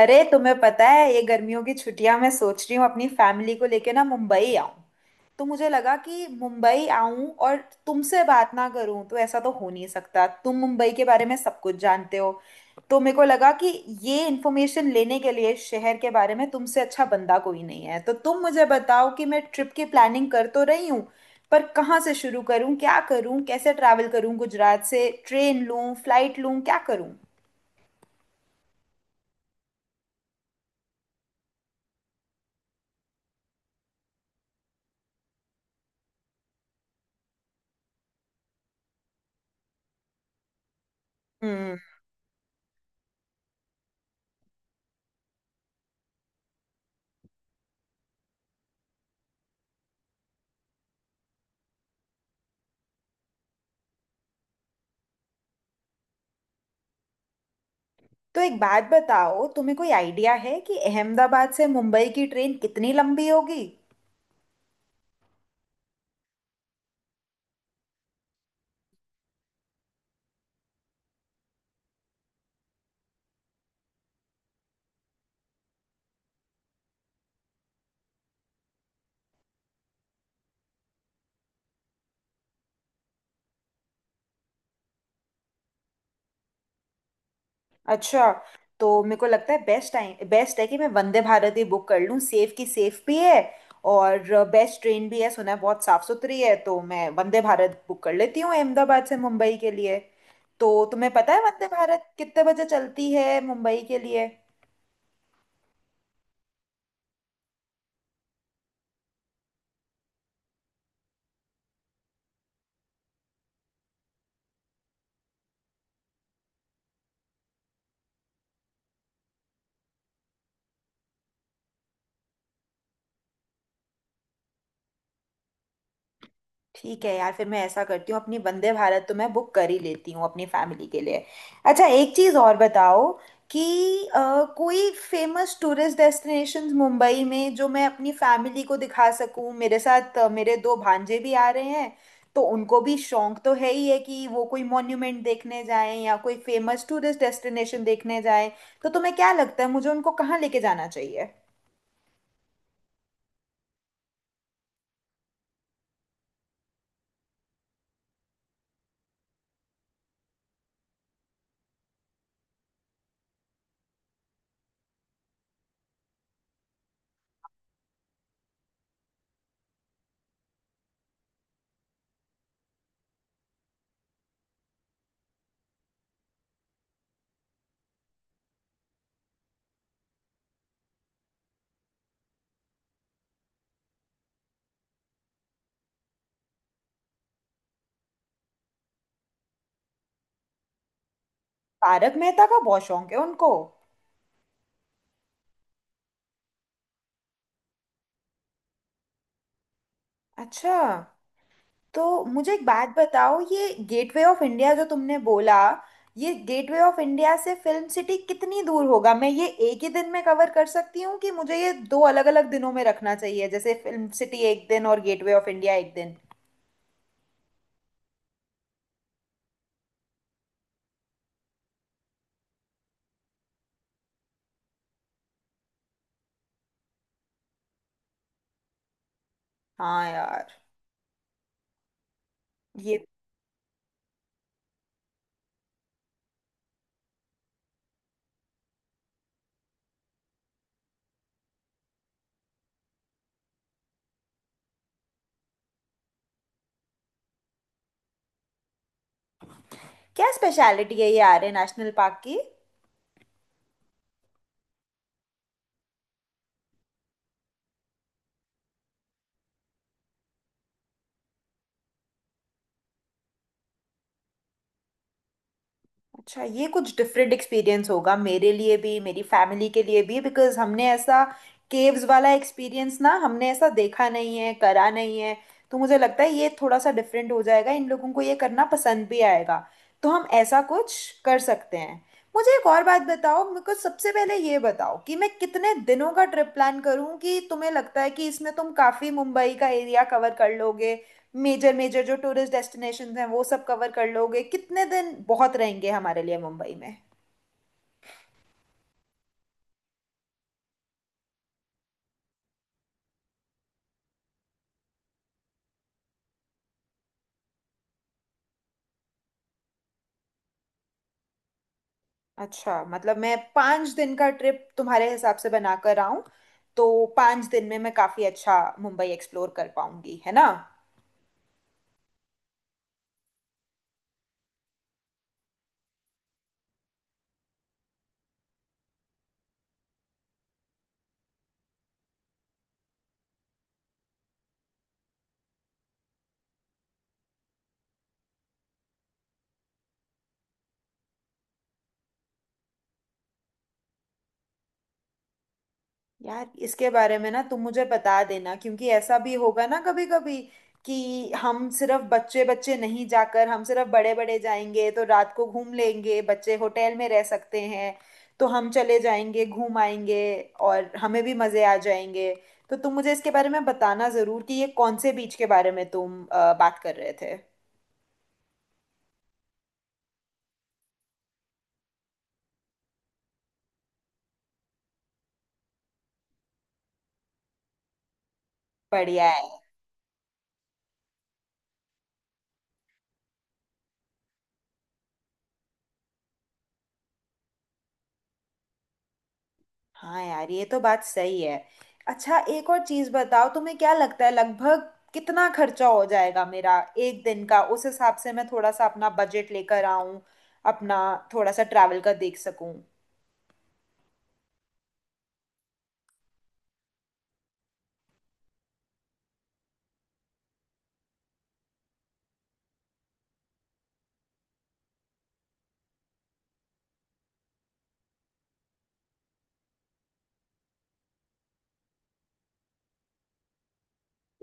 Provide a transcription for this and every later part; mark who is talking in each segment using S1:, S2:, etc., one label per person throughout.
S1: अरे तुम्हें पता है ये गर्मियों की छुट्टियां मैं सोच रही हूँ अपनी फैमिली को लेके ना मुंबई आऊं। तो मुझे लगा कि मुंबई आऊं और तुमसे बात ना करूं तो ऐसा तो हो नहीं सकता। तुम मुंबई के बारे में सब कुछ जानते हो, तो मेरे को लगा कि ये इन्फॉर्मेशन लेने के लिए शहर के बारे में तुमसे अच्छा बंदा कोई नहीं है। तो तुम मुझे बताओ कि मैं ट्रिप की प्लानिंग कर तो रही हूँ, पर कहाँ से शुरू करूँ, क्या करूँ, कैसे ट्रैवल करूँ, गुजरात से ट्रेन लूँ, फ्लाइट लूँ, क्या करूँ। तो एक बात बताओ, तुम्हें कोई आइडिया है कि अहमदाबाद से मुंबई की ट्रेन कितनी लंबी होगी। अच्छा, तो मेरे को लगता है बेस्ट टाइम बेस्ट है कि मैं वंदे भारत ही बुक कर लूँ। सेफ की सेफ भी है और बेस्ट ट्रेन भी है। सुना है बहुत साफ सुथरी है, तो मैं वंदे भारत बुक कर लेती हूँ अहमदाबाद से मुंबई के लिए। तो तुम्हें पता है वंदे भारत कितने बजे चलती है मुंबई के लिए। ठीक है यार, फिर मैं ऐसा करती हूँ, अपनी वंदे भारत तो मैं बुक कर ही लेती हूँ अपनी फैमिली के लिए। अच्छा, एक चीज़ और बताओ कि कोई फेमस टूरिस्ट डेस्टिनेशंस मुंबई में जो मैं अपनी फैमिली को दिखा सकूँ। मेरे साथ मेरे दो भांजे भी आ रहे हैं, तो उनको भी शौक तो है ही है कि वो कोई मॉन्यूमेंट देखने जाएं या कोई फेमस टूरिस्ट डेस्टिनेशन देखने जाएं। तो तुम्हें क्या लगता है मुझे उनको कहाँ लेके जाना चाहिए। तारक मेहता का बहुत शौक है उनको। अच्छा, तो मुझे एक बात बताओ, ये गेटवे ऑफ इंडिया जो तुमने बोला, ये गेटवे ऑफ इंडिया से फिल्म सिटी कितनी दूर होगा। मैं ये एक ही दिन में कवर कर सकती हूँ कि मुझे ये दो अलग अलग दिनों में रखना चाहिए, जैसे फिल्म सिटी एक दिन और गेटवे ऑफ इंडिया एक दिन। हाँ यार। ये क्या स्पेशलिटी है ये आर्य नेशनल पार्क की। अच्छा, ये कुछ डिफरेंट एक्सपीरियंस होगा मेरे लिए भी, मेरी फैमिली के लिए भी, बिकॉज हमने ऐसा केव्स वाला एक्सपीरियंस ना, हमने ऐसा देखा नहीं है, करा नहीं है। तो मुझे लगता है ये थोड़ा सा डिफरेंट हो जाएगा, इन लोगों को ये करना पसंद भी आएगा। तो हम ऐसा कुछ कर सकते हैं। मुझे एक और बात बताओ, मेरे को सबसे पहले ये बताओ कि मैं कितने दिनों का ट्रिप प्लान करूं कि तुम्हें लगता है कि इसमें तुम काफ़ी मुंबई का एरिया कवर कर लोगे। मेजर मेजर जो टूरिस्ट डेस्टिनेशंस हैं वो सब कवर कर लोगे, कितने दिन बहुत रहेंगे हमारे लिए मुंबई में। अच्छा, मतलब मैं पाँच दिन का ट्रिप तुम्हारे हिसाब से बनाकर आऊं, तो पाँच दिन में मैं काफी अच्छा मुंबई एक्सप्लोर कर पाऊंगी, है ना। यार, इसके बारे में ना तुम मुझे बता देना, क्योंकि ऐसा भी होगा ना कभी कभी कि हम सिर्फ बच्चे बच्चे नहीं जाकर, हम सिर्फ बड़े बड़े जाएंगे तो रात को घूम लेंगे, बच्चे होटल में रह सकते हैं, तो हम चले जाएंगे घूम आएंगे और हमें भी मजे आ जाएंगे। तो तुम मुझे इसके बारे में बताना जरूर कि ये कौन से बीच के बारे में तुम बात कर रहे थे। बढ़िया है। हाँ यार, ये तो बात सही है। अच्छा, एक और चीज बताओ, तुम्हें क्या लगता है लगभग कितना खर्चा हो जाएगा मेरा एक दिन का, उस हिसाब से मैं थोड़ा सा अपना बजट लेकर आऊं, अपना थोड़ा सा ट्रैवल का देख सकूं।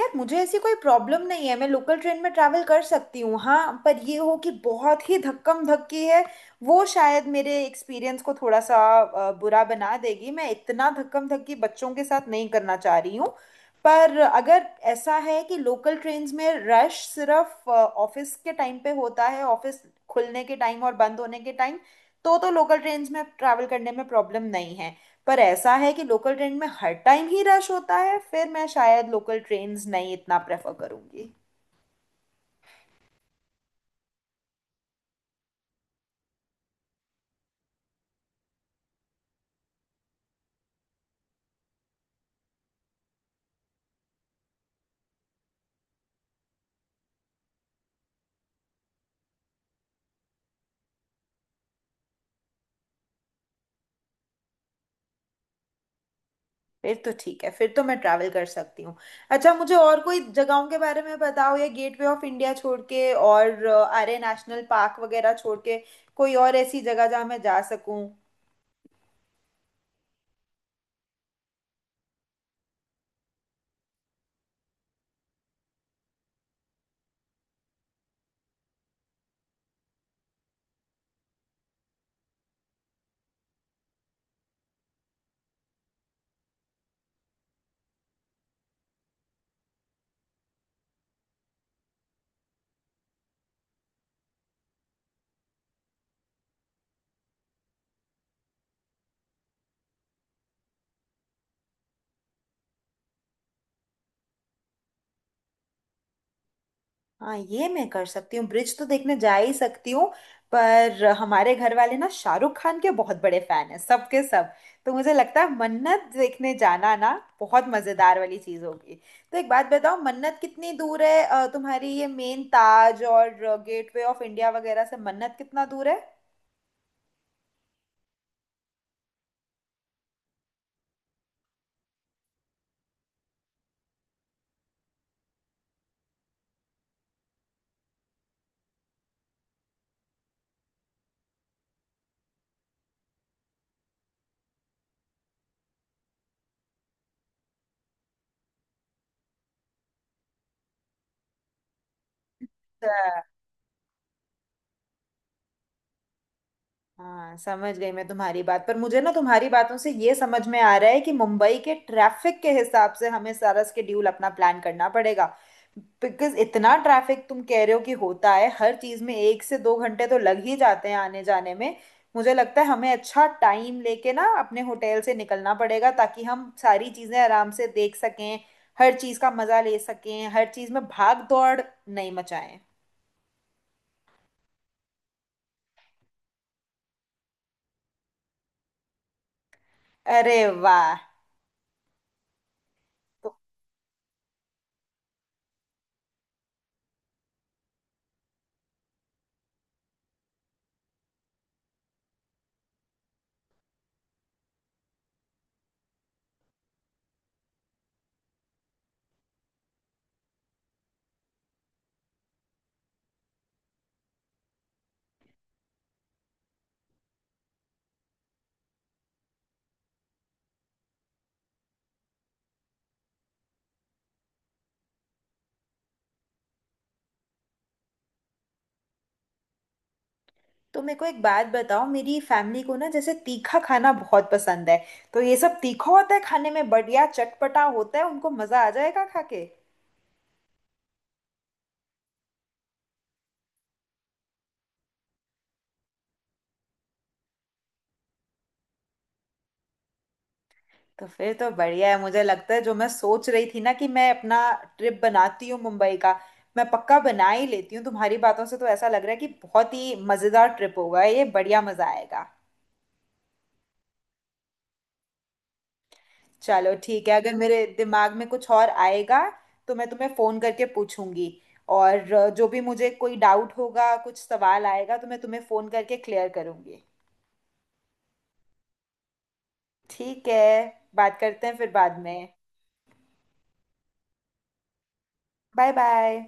S1: यार, मुझे ऐसी कोई प्रॉब्लम नहीं है, मैं लोकल ट्रेन में ट्रैवल कर सकती हूँ। हाँ, पर ये हो कि बहुत ही धक्कम धक्की है, वो शायद मेरे एक्सपीरियंस को थोड़ा सा बुरा बना देगी। मैं इतना धक्कम धक्की बच्चों के साथ नहीं करना चाह रही हूँ। पर अगर ऐसा है कि लोकल ट्रेन्स में रश सिर्फ ऑफिस के टाइम पे होता है, ऑफिस खुलने के टाइम और बंद होने के टाइम, तो लोकल ट्रेन्स में ट्रैवल करने में प्रॉब्लम नहीं है। पर ऐसा है कि लोकल ट्रेन में हर टाइम ही रश होता है, फिर मैं शायद लोकल ट्रेन्स नहीं इतना प्रेफर करूंगी। फिर तो ठीक है, फिर तो मैं ट्रैवल कर सकती हूँ। अच्छा, मुझे और कोई जगहों के बारे में बताओ, या गेटवे ऑफ इंडिया छोड़ के और आर्य नेशनल पार्क वगैरह छोड़ के कोई और ऐसी जगह जहाँ मैं जा सकूँ। हाँ, ये मैं कर सकती हूँ, ब्रिज तो देखने जा ही सकती हूँ। पर हमारे घर वाले ना शाहरुख खान के बहुत बड़े फैन हैं, सबके सब के सब। तो मुझे लगता है मन्नत देखने जाना ना बहुत मजेदार वाली चीज होगी। तो एक बात बताओ, मन्नत कितनी दूर है, तुम्हारी ये मेन ताज और गेटवे ऑफ इंडिया वगैरह से मन्नत कितना दूर है। हाँ, समझ गई मैं तुम्हारी बात। पर मुझे ना तुम्हारी बातों से ये समझ में आ रहा है कि मुंबई के ट्रैफिक के हिसाब से हमें सारा स्केड्यूल अपना प्लान करना पड़ेगा। बिकॉज इतना ट्रैफिक तुम कह रहे हो कि होता है, हर चीज में एक से दो घंटे तो लग ही जाते हैं आने जाने में। मुझे लगता है हमें अच्छा टाइम लेके ना अपने होटल से निकलना पड़ेगा ताकि हम सारी चीजें आराम से देख सकें, हर चीज का मजा ले सकें, हर चीज में भाग दौड़ नहीं मचाएं। अरे वाह। तो मेरे को एक बात बताओ, मेरी फैमिली को ना जैसे तीखा खाना बहुत पसंद है, तो ये सब तीखा होता है खाने में, बढ़िया चटपटा होता है, उनको मजा आ जाएगा खा के। तो फिर तो बढ़िया है, मुझे लगता है जो मैं सोच रही थी ना कि मैं अपना ट्रिप बनाती हूँ मुंबई का, मैं पक्का बना ही लेती हूँ। तुम्हारी बातों से तो ऐसा लग रहा है कि बहुत ही मजेदार ट्रिप होगा ये, बढ़िया मजा आएगा। चलो ठीक है, अगर मेरे दिमाग में कुछ और आएगा तो मैं तुम्हें फोन करके पूछूंगी, और जो भी मुझे कोई डाउट होगा, कुछ सवाल आएगा तो मैं तुम्हें फोन करके क्लियर करूंगी। ठीक है, बात करते हैं फिर बाद में। Bye bye.